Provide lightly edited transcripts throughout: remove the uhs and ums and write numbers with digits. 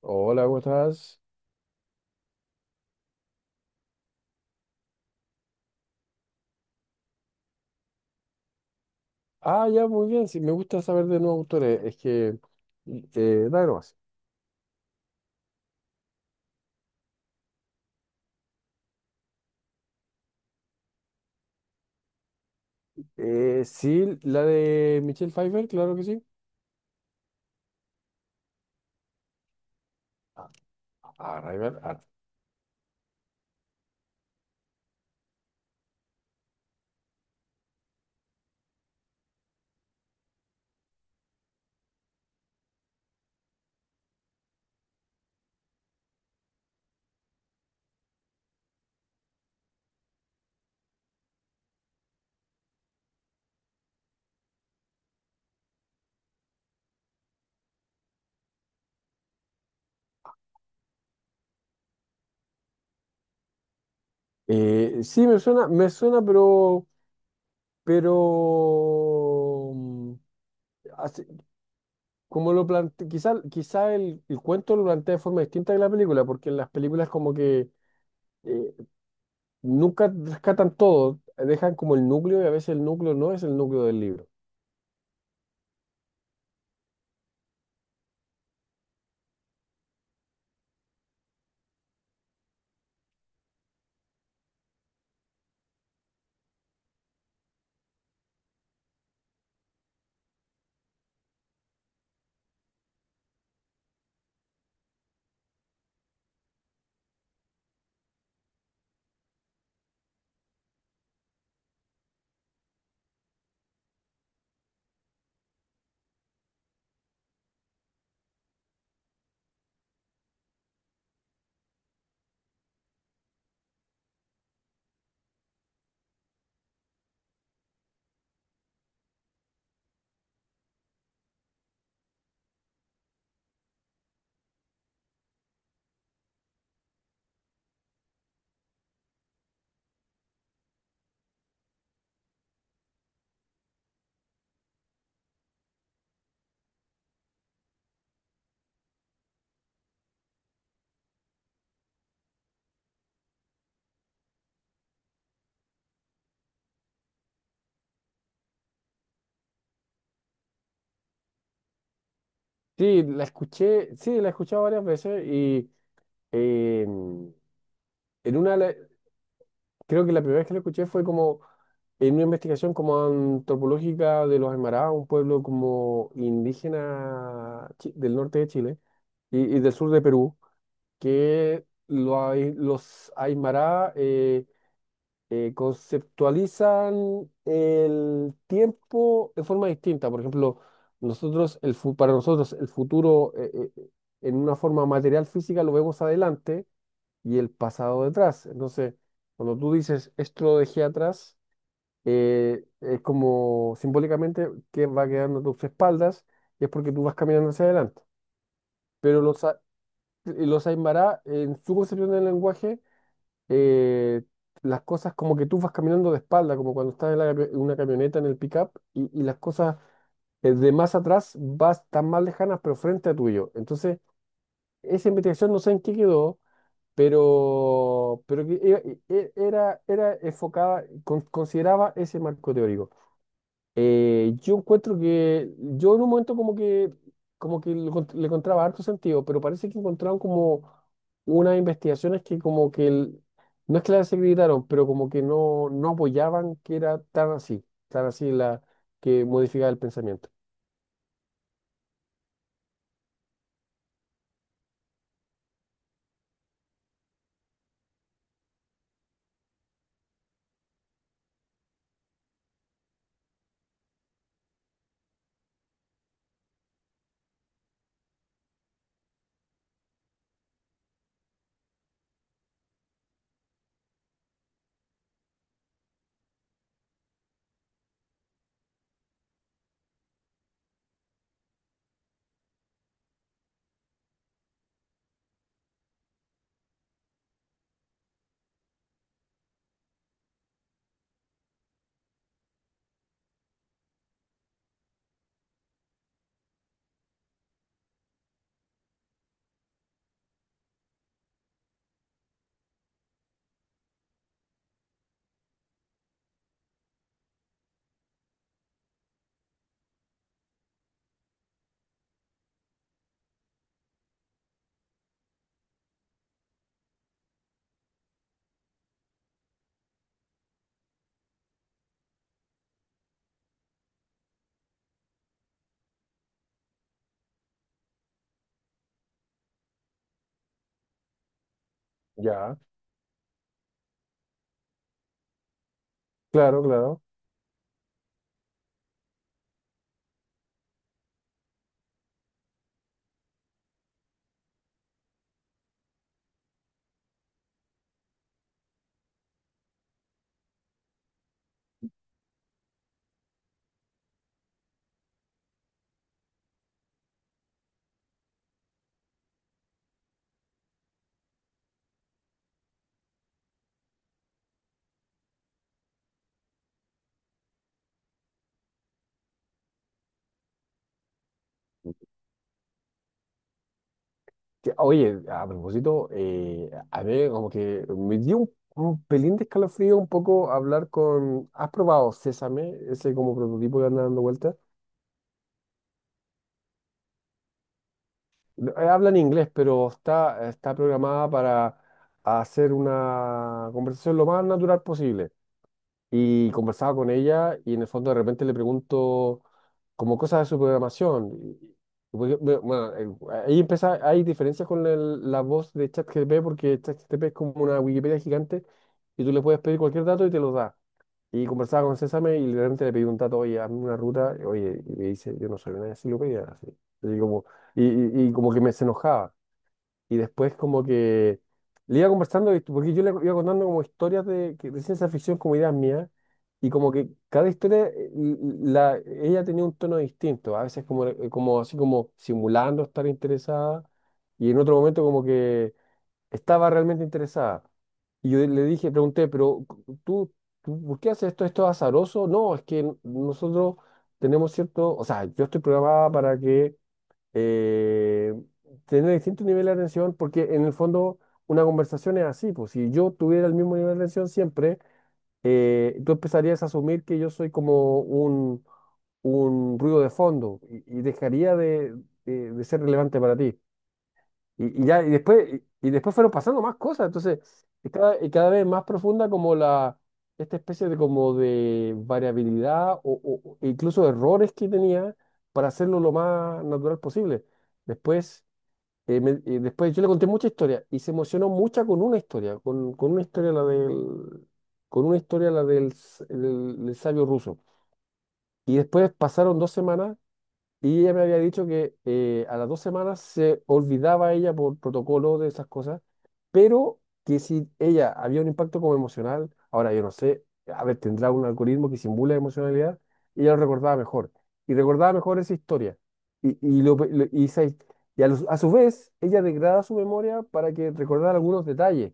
Hola, ¿cómo estás? Ah, ya, muy bien. Sí, me gusta saber de nuevos autores. Es que, dale nomás. Sí, la de Michelle Pfeiffer, claro que sí. Ah, Rival, ah. Sí, me suena, pero, mm, así- como lo plantea, quizá el cuento lo plantea de forma distinta que la película, porque en las películas como que eh, nunca rescatan todo, dejan como el núcleo y a veces el núcleo no es el núcleo del libro. Sí, la escuché, sí, la he escuchado varias veces y en una, le- creo que la primera vez que la escuché fue como en una investigación como antropológica de los Aymara, un pueblo como indígena del norte de Chile y del sur de Perú, que lo los Aymara conceptualizan el tiempo de forma distinta. Por ejemplo, nosotros, para nosotros el futuro en una forma material física lo vemos adelante y el pasado detrás. Entonces, cuando tú dices esto lo dejé atrás, es como simbólicamente que va quedando a tus espaldas y es porque tú vas caminando hacia adelante. Pero los Aymara, en su concepción del lenguaje, eh, las cosas como que tú vas caminando de espalda, como cuando estás en la en una camioneta en el pickup y las cosas de más atrás vas tan más lejanas, pero frente a tuyo. Entonces, esa investigación no sé en qué quedó, pero que era enfocada, consideraba ese marco teórico. Yo encuentro que yo en un momento como que le encontraba harto sentido, pero parece que encontraron como unas investigaciones que como que no es que las secretaron, pero como que no apoyaban que era tan así la que modificaba el pensamiento. Ya, claro, claro. Que, oye, a propósito, a mí como que me dio un pelín de escalofrío un poco hablar con... ¿Has probado Sésame? Ese como prototipo que anda dando vueltas. Habla en inglés, pero está programada para hacer una conversación lo más natural posible. Y conversaba con ella y en el fondo de repente le pregunto como cosas de su programación. Porque, bueno, ahí empieza, hay diferencias con la voz de ChatGPT porque ChatGPT es como una Wikipedia gigante y tú le puedes pedir cualquier dato y te lo da. Y conversaba con Césame y literalmente le pedí un dato, oye, hazme una ruta, oye, y me dice, yo no soy una enciclopedia, así. Y como, y como que me se enojaba. Y después como que le iba conversando, porque yo le iba contando como historias de, de ciencia ficción como ideas mías, y como que cada historia, la, ella tenía un tono distinto, a veces como, como así como simulando estar interesada, y en otro momento como que estaba realmente interesada. Y yo le dije, pregunté, pero tú ¿por qué haces esto? ¿Esto es azaroso? No, es que nosotros tenemos cierto, o sea, yo estoy programada para que eh, tener distintos niveles de atención, porque en el fondo una conversación es así, pues si yo tuviera el mismo nivel de atención siempre, tú empezarías a asumir que yo soy como un ruido de fondo y dejaría de, de ser relevante para ti. Y ya, y después fueron pasando más cosas, entonces, y cada vez más profunda como la... Esta especie de como de variabilidad o incluso errores que tenía para hacerlo lo más natural posible. Después, después yo le conté mucha historia y se emocionó mucha con una historia, con una historia la del, con una historia la del, del sabio ruso. Y después pasaron 2 semanas y ella me había dicho que a las 2 semanas se olvidaba ella por protocolo de esas cosas, pero que si ella había un impacto como emocional, ahora yo no sé, a ver, tendrá un algoritmo que simula emocionalidad, y ella lo recordaba mejor. Y recordaba mejor esa historia. Esa a su vez, ella degrada su memoria para que recordara algunos detalles,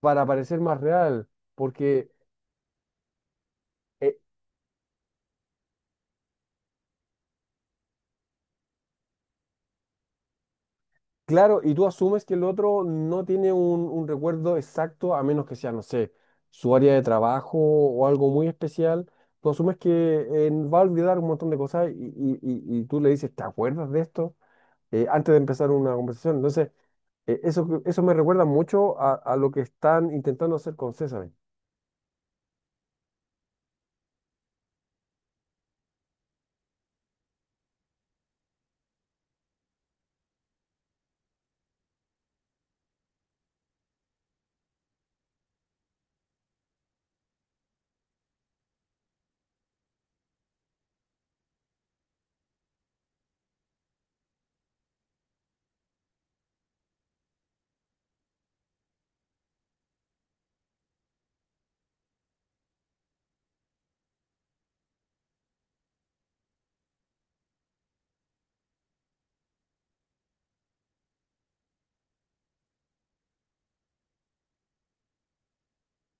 para parecer más real, porque, eh, claro, y tú asumes que el otro no tiene un recuerdo exacto, a menos que sea, no sé, su área de trabajo o algo muy especial. Tú asumes que va a olvidar un montón de cosas y tú le dices, ¿te acuerdas de esto? Antes de empezar una conversación. Entonces, eso, eso me recuerda mucho a lo que están intentando hacer con César.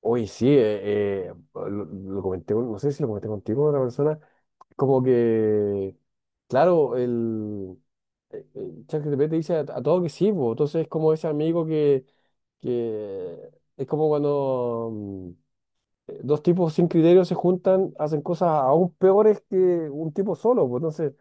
Oye, sí, lo comenté, no sé si lo comenté contigo, con otra persona. Como que, claro, ChatGPT te dice a todo que sí, po. Entonces es como ese amigo que, que es como cuando dos tipos sin criterio se juntan, hacen cosas aún peores que un tipo solo, pues entonces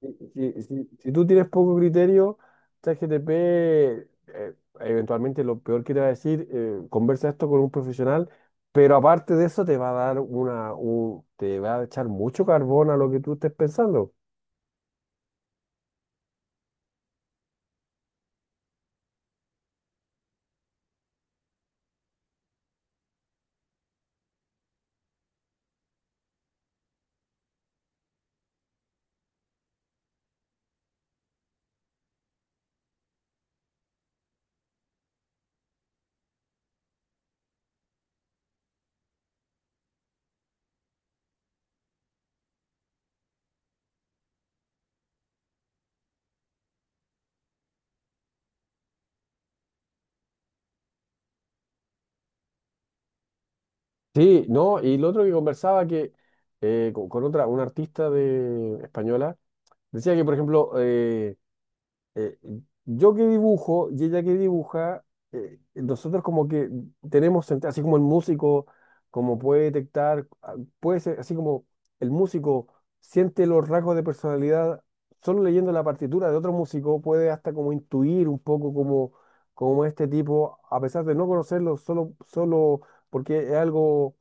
si tú tienes poco criterio, ChatGPT eventualmente lo peor que te va a decir, conversa esto con un profesional, pero aparte de eso te va a dar te va a echar mucho carbón a lo que tú estés pensando. Sí, no, y lo otro que conversaba que con otra, una artista de española, decía que, por ejemplo, eh, yo que dibujo y ella que dibuja, nosotros como que tenemos, así como el músico, como puede detectar, ah, puede ser, así como el músico siente los rasgos de personalidad, solo leyendo la partitura de otro músico puede hasta como intuir un poco como, como este tipo, a pesar de no conocerlo, solo, solo porque es algo,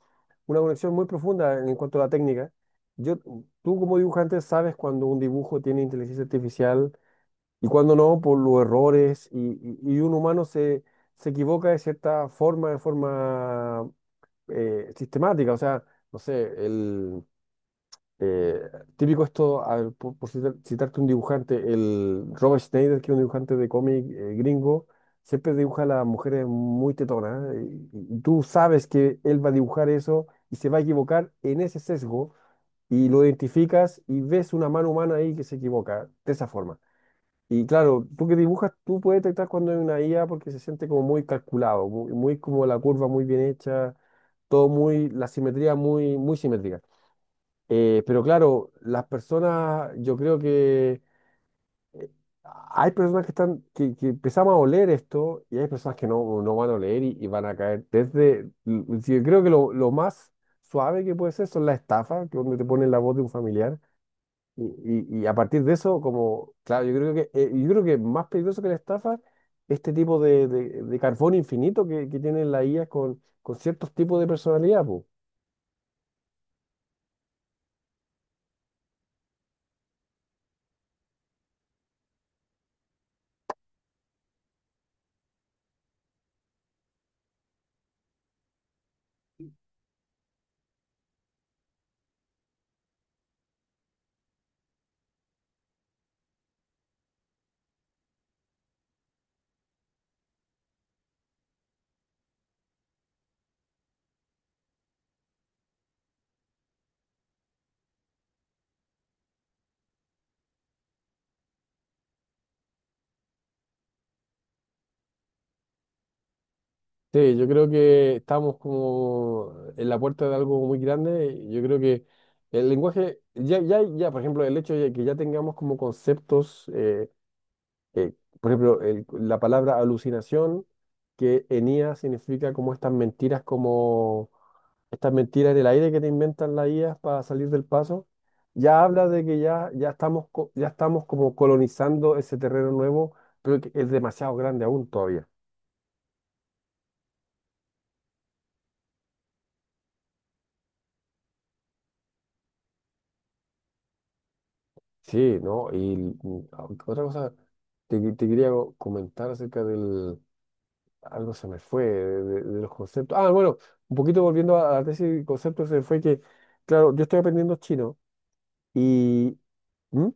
una conexión muy profunda en cuanto a la técnica. Yo, tú como dibujante sabes cuando un dibujo tiene inteligencia artificial y cuando no, por los errores, y un humano se equivoca de cierta forma, de forma sistemática, o sea, no sé, el eh, típico esto, a ver, por citarte un dibujante, el Robert Schneider, que es un dibujante de cómic gringo, siempre dibuja a las mujeres muy tetonas, y tú sabes que él va a dibujar eso y se va a equivocar en ese sesgo, y lo identificas y ves una mano humana ahí que se equivoca de esa forma. Y claro, tú que dibujas, tú puedes detectar cuando hay una IA porque se siente como muy calculado, muy, muy como la curva muy bien hecha, todo muy, la simetría muy, muy simétrica. Pero claro, las personas, yo creo que eh, hay personas que están, que empezamos a oler esto y hay personas que no van a oler y van a caer desde, yo creo que lo más suave que puede ser son las estafas, que donde te ponen la voz de un familiar y, y a partir de eso, como, claro, yo creo que más peligroso que la estafa, este tipo de, de carbón infinito que tienen las IA con ciertos tipos de personalidad, po. Sí, yo creo que estamos como en la puerta de algo muy grande. Yo creo que el lenguaje, por ejemplo, el hecho de que ya tengamos como conceptos eh, por ejemplo, la palabra alucinación, que enía significa como estas mentiras en el aire que te inventan las IAs para salir del paso, ya habla de que ya, ya estamos como colonizando ese terreno nuevo, pero que es demasiado grande aún todavía. Sí, ¿no? Y ah, otra cosa te quería comentar acerca del, algo se me fue de, de los conceptos. Ah, bueno, un poquito volviendo a la tesis de conceptos, se me fue que, claro, yo estoy aprendiendo chino y, ¿Mm?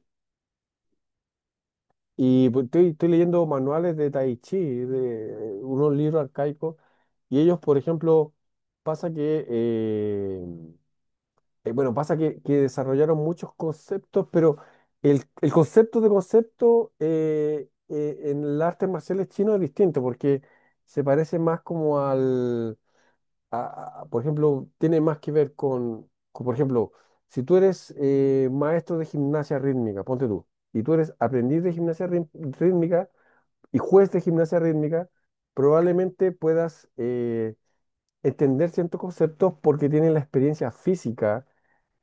Y pues estoy leyendo manuales de Tai Chi, de unos libros arcaicos, y ellos, por ejemplo, pasa que, bueno, pasa que desarrollaron muchos conceptos, pero el concepto de concepto en el arte marcial chino es distinto, porque se parece más como al por ejemplo, tiene más que ver por ejemplo, si tú eres maestro de gimnasia rítmica, ponte tú, y tú eres aprendiz de gimnasia rítmica y juez de gimnasia rítmica, probablemente puedas entender ciertos conceptos porque tienen la experiencia física,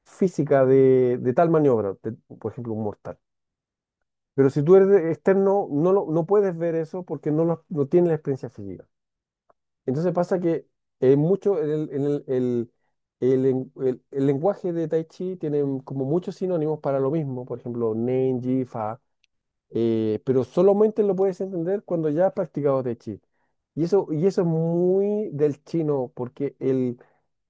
física de tal maniobra, de, por ejemplo, un mortal. Pero si tú eres externo, no, no puedes ver eso porque no, no tienes la experiencia física. Entonces pasa que mucho en el el lenguaje de Tai Chi tiene como muchos sinónimos para lo mismo, por ejemplo, Nen, Ji, Fa, pero solamente lo puedes entender cuando ya has practicado Tai Chi. Y eso es muy del chino, porque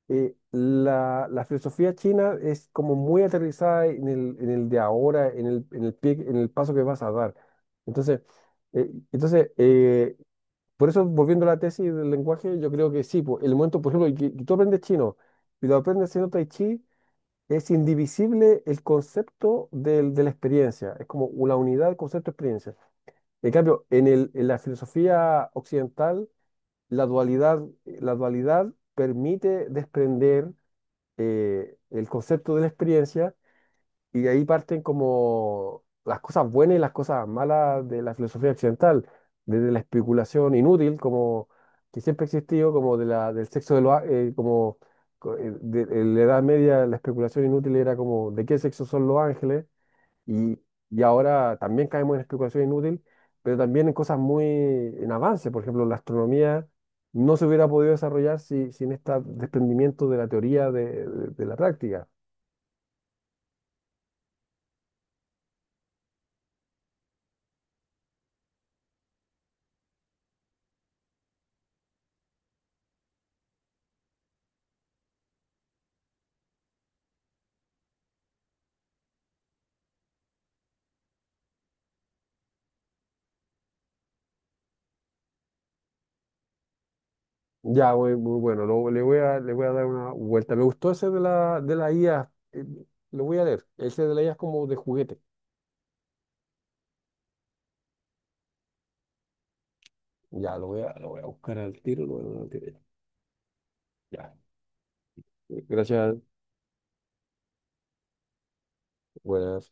la filosofía china es como muy aterrizada en el de ahora, en el paso que vas a dar. Entonces, eh, entonces eh, por eso, volviendo a la tesis del lenguaje, yo creo que sí, po, el momento, por ejemplo, que tú aprendes chino y lo aprendes haciendo tai chi, es indivisible el concepto de la experiencia, es como una unidad, concepto, experiencia. En cambio, en la filosofía occidental, la dualidad permite desprender el concepto de la experiencia y de ahí parten como las cosas buenas y las cosas malas de la filosofía occidental, desde la especulación inútil, como que siempre ha existido, como de la, del sexo de los, á- como en la Edad Media la especulación inútil era como de qué sexo son los ángeles, y, y ahora también caemos en especulación inútil, pero también en cosas muy en avance, por ejemplo, la astronomía no se hubiera podido desarrollar sin este desprendimiento de la teoría de la práctica. Ya, muy, muy bueno, le voy a dar una vuelta. Me gustó ese de la IA, lo voy a leer. Ese de la IA es como de juguete. Ya, lo voy a buscar al tiro, lo voy a dar al tiro. Ya, gracias, buenas.